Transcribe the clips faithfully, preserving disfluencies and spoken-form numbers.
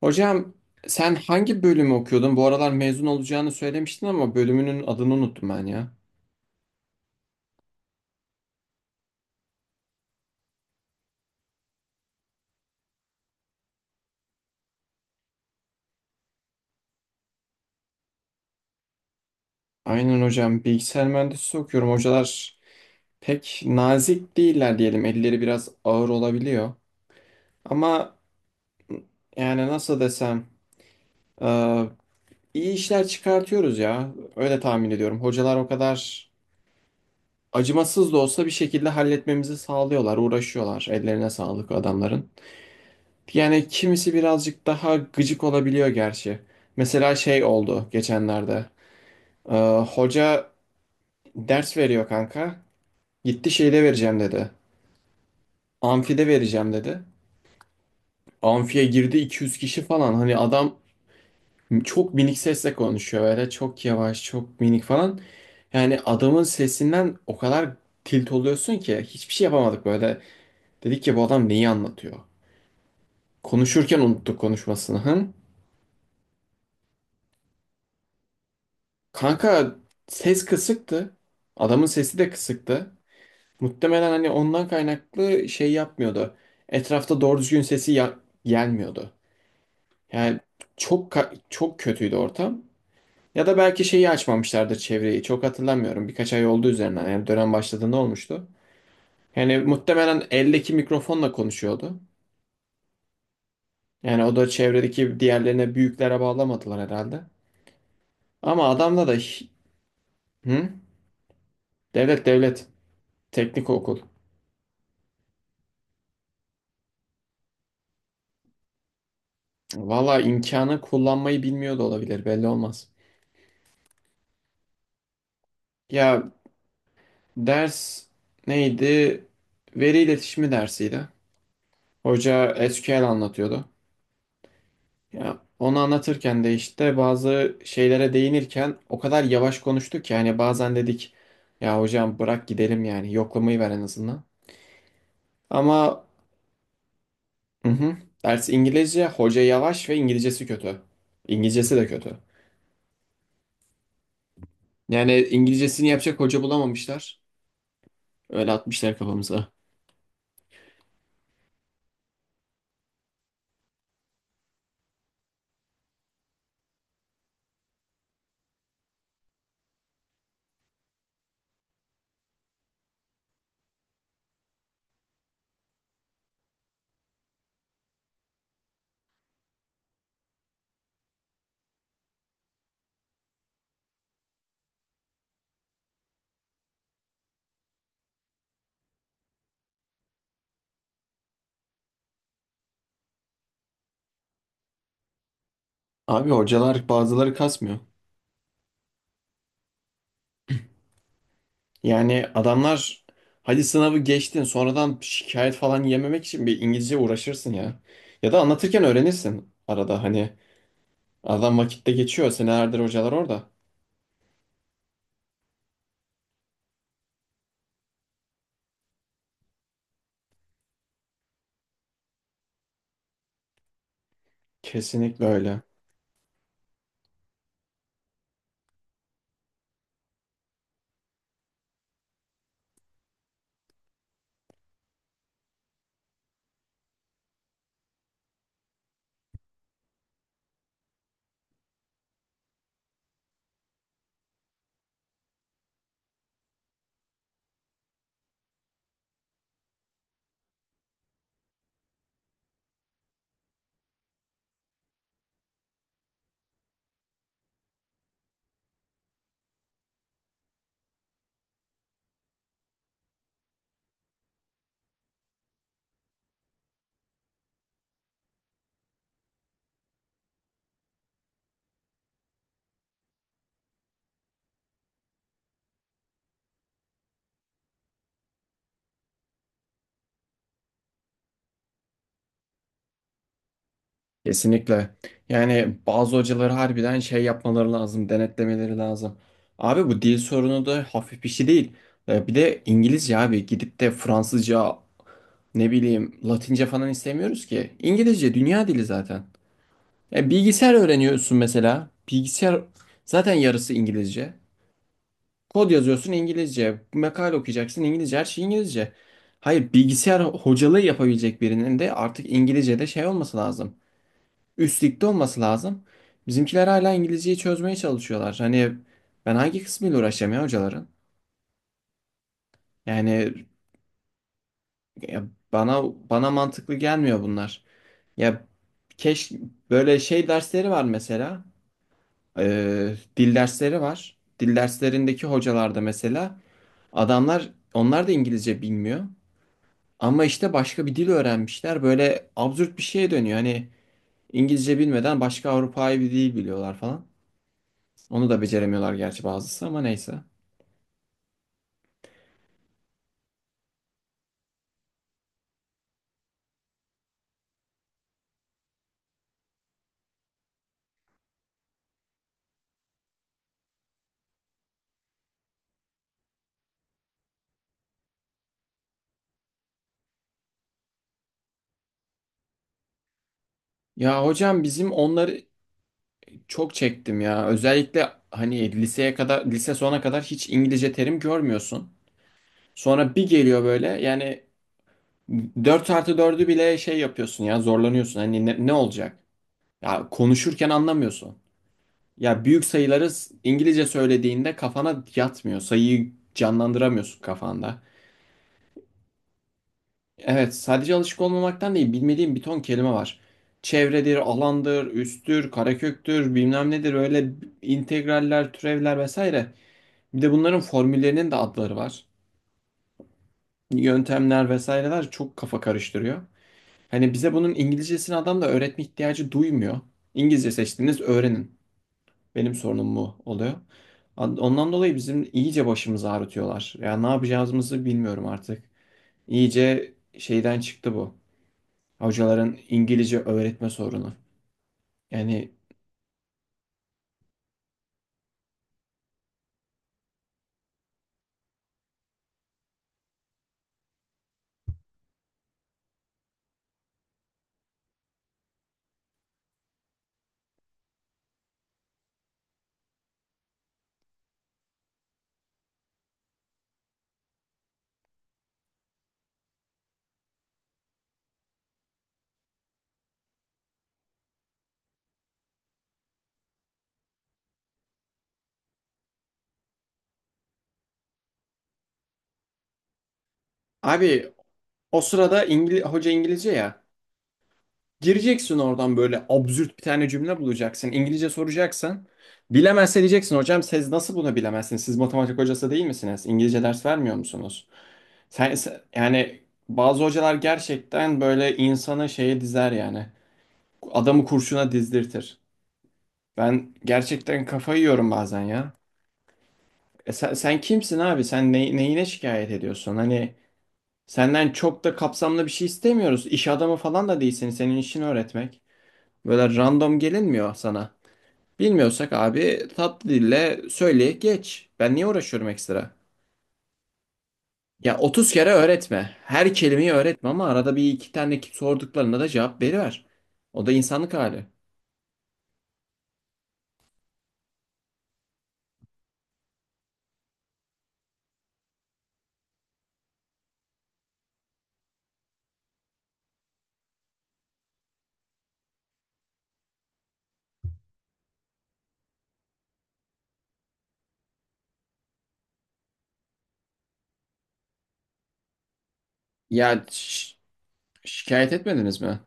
Hocam sen hangi bölümü okuyordun? Bu aralar mezun olacağını söylemiştin ama bölümünün adını unuttum ben ya. Aynen hocam bilgisayar mühendisliği okuyorum. Hocalar pek nazik değiller diyelim. Elleri biraz ağır olabiliyor. Ama yani nasıl desem e, iyi işler çıkartıyoruz ya. Öyle tahmin ediyorum. Hocalar o kadar acımasız da olsa bir şekilde halletmemizi sağlıyorlar, uğraşıyorlar. Ellerine sağlık adamların. Yani kimisi birazcık daha gıcık olabiliyor gerçi. Mesela şey oldu geçenlerde. Ee, Hoca ders veriyor kanka. Gitti şeyde vereceğim dedi. Amfide vereceğim dedi. Amfiye girdi iki yüz kişi falan. Hani adam çok minik sesle konuşuyor böyle. Çok yavaş, çok minik falan. Yani adamın sesinden o kadar tilt oluyorsun ki hiçbir şey yapamadık böyle. Dedik ki bu adam neyi anlatıyor? Konuşurken unuttuk konuşmasını. Hı? Kanka ses kısıktı. Adamın sesi de kısıktı. Muhtemelen hani ondan kaynaklı şey yapmıyordu. Etrafta doğru düzgün sesi ya- gelmiyordu. Yani çok ka- çok kötüydü ortam. Ya da belki şeyi açmamışlardır çevreyi. Çok hatırlamıyorum. Birkaç ay oldu üzerinden. Yani dönem başladığında olmuştu. Yani muhtemelen eldeki mikrofonla konuşuyordu. Yani o da çevredeki diğerlerine büyüklere bağlamadılar herhalde. Ama adamda da... Hı? Devlet devlet. Teknik okul. Valla imkanı kullanmayı bilmiyor da olabilir belli olmaz. Ya ders neydi? Veri iletişimi dersiydi. Hoca S Q L anlatıyordu. Ya onu anlatırken de işte bazı şeylere değinirken o kadar yavaş konuştuk ki hani bazen dedik ya hocam bırak gidelim yani yoklamayı ver en azından. Ama hı hı, ders İngilizce, hoca yavaş ve İngilizcesi kötü. İngilizcesi de kötü. Yani İngilizcesini yapacak hoca bulamamışlar. Öyle atmışlar kafamıza. Abi hocalar bazıları kasmıyor. Yani adamlar hadi sınavı geçtin sonradan şikayet falan yememek için bir İngilizce uğraşırsın ya. Ya da anlatırken öğrenirsin arada hani adam vakitte geçiyor senelerdir hocalar orada. Kesinlikle öyle. Kesinlikle. Yani bazı hocaları harbiden şey yapmaları lazım, denetlemeleri lazım. Abi bu dil sorunu da hafif bir şey değil. Ee, Bir de İngilizce abi gidip de Fransızca ne bileyim Latince falan istemiyoruz ki. İngilizce dünya dili zaten. Yani bilgisayar öğreniyorsun mesela. Bilgisayar zaten yarısı İngilizce. Kod yazıyorsun İngilizce. Makale okuyacaksın İngilizce. Her şey İngilizce. Hayır bilgisayar hocalığı yapabilecek birinin de artık İngilizce'de şey olması lazım. Üstlükte olması lazım. Bizimkiler hala İngilizceyi çözmeye çalışıyorlar. Hani ben hangi kısmıyla uğraşacağım ya hocaların? Yani ya bana bana mantıklı gelmiyor bunlar. Ya keşke böyle şey dersleri var mesela. Ee, dil dersleri var. Dil derslerindeki hocalar da mesela adamlar onlar da İngilizce bilmiyor. Ama işte başka bir dil öğrenmişler. Böyle absürt bir şeye dönüyor. Hani İngilizce bilmeden başka Avrupa'yı bir dil biliyorlar falan. Onu da beceremiyorlar gerçi bazısı ama neyse. Ya hocam bizim onları çok çektim ya. Özellikle hani liseye kadar lise sona kadar hiç İngilizce terim görmüyorsun. Sonra bir geliyor böyle yani dört artı dördü bile şey yapıyorsun ya zorlanıyorsun. Hani ne ne olacak? Ya konuşurken anlamıyorsun. Ya büyük sayıları s- İngilizce söylediğinde kafana yatmıyor. Sayıyı canlandıramıyorsun kafanda. Evet, sadece alışık olmamaktan değil, bilmediğim bir ton kelime var. Çevredir, alandır, üsttür, kareköktür, bilmem nedir öyle integraller, türevler vesaire. Bir de bunların formüllerinin de adları var. Yöntemler vesaireler çok kafa karıştırıyor. Hani bize bunun İngilizcesini adam da öğretme ihtiyacı duymuyor. İngilizce seçtiğiniz öğrenin. Benim sorunum mu oluyor. An- Ondan dolayı bizim iyice başımızı ağrıtıyorlar. Ya ne yapacağımızı bilmiyorum artık. İyice şeyden çıktı bu. Hocaların İngilizce öğretme sorunu. Yani abi o sırada İngil hoca İngilizce ya. Gireceksin oradan böyle absürt bir tane cümle bulacaksın. İngilizce soracaksın. Bilemezse diyeceksin hocam siz nasıl bunu bilemezsiniz? Siz matematik hocası değil misiniz? İngilizce ders vermiyor musunuz? Sen, sen- yani bazı hocalar gerçekten böyle insanı şeye dizer yani. Adamı kurşuna dizdirtir. Ben gerçekten kafayı yiyorum bazen ya. E sen, sen kimsin abi? Sen ne- neyine şikayet ediyorsun? Hani senden çok da kapsamlı bir şey istemiyoruz. İş adamı falan da değilsin. Senin işini öğretmek. Böyle random gelinmiyor sana. Bilmiyorsak abi tatlı dille söyle geç. Ben niye uğraşıyorum ekstra? Ya otuz kere öğretme. Her kelimeyi öğretme ama arada bir iki tane sorduklarına da cevap veriver. O da insanlık hali. Ya şi- şikayet etmediniz mi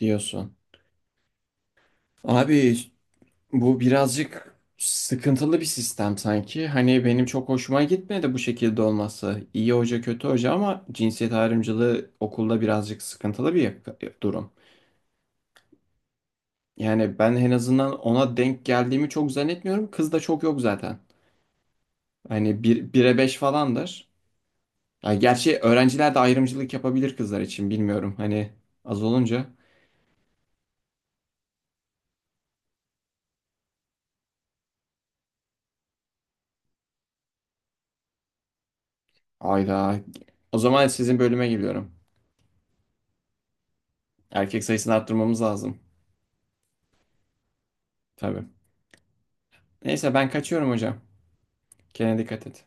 diyorsun? Abi bu birazcık sıkıntılı bir sistem sanki. Hani benim çok hoşuma gitmedi bu şekilde olması. İyi hoca kötü hoca ama cinsiyet ayrımcılığı okulda birazcık sıkıntılı bir yak- durum. Yani ben en azından ona denk geldiğimi çok zannetmiyorum. Kız da çok yok zaten. Hani bir, bire beş falandır. Ya gerçi öğrenciler de ayrımcılık yapabilir kızlar için bilmiyorum. Hani az olunca. Ayda. O zaman sizin bölüme geliyorum. Erkek sayısını arttırmamız lazım. Tabii. Neyse ben kaçıyorum hocam. Kendine dikkat et.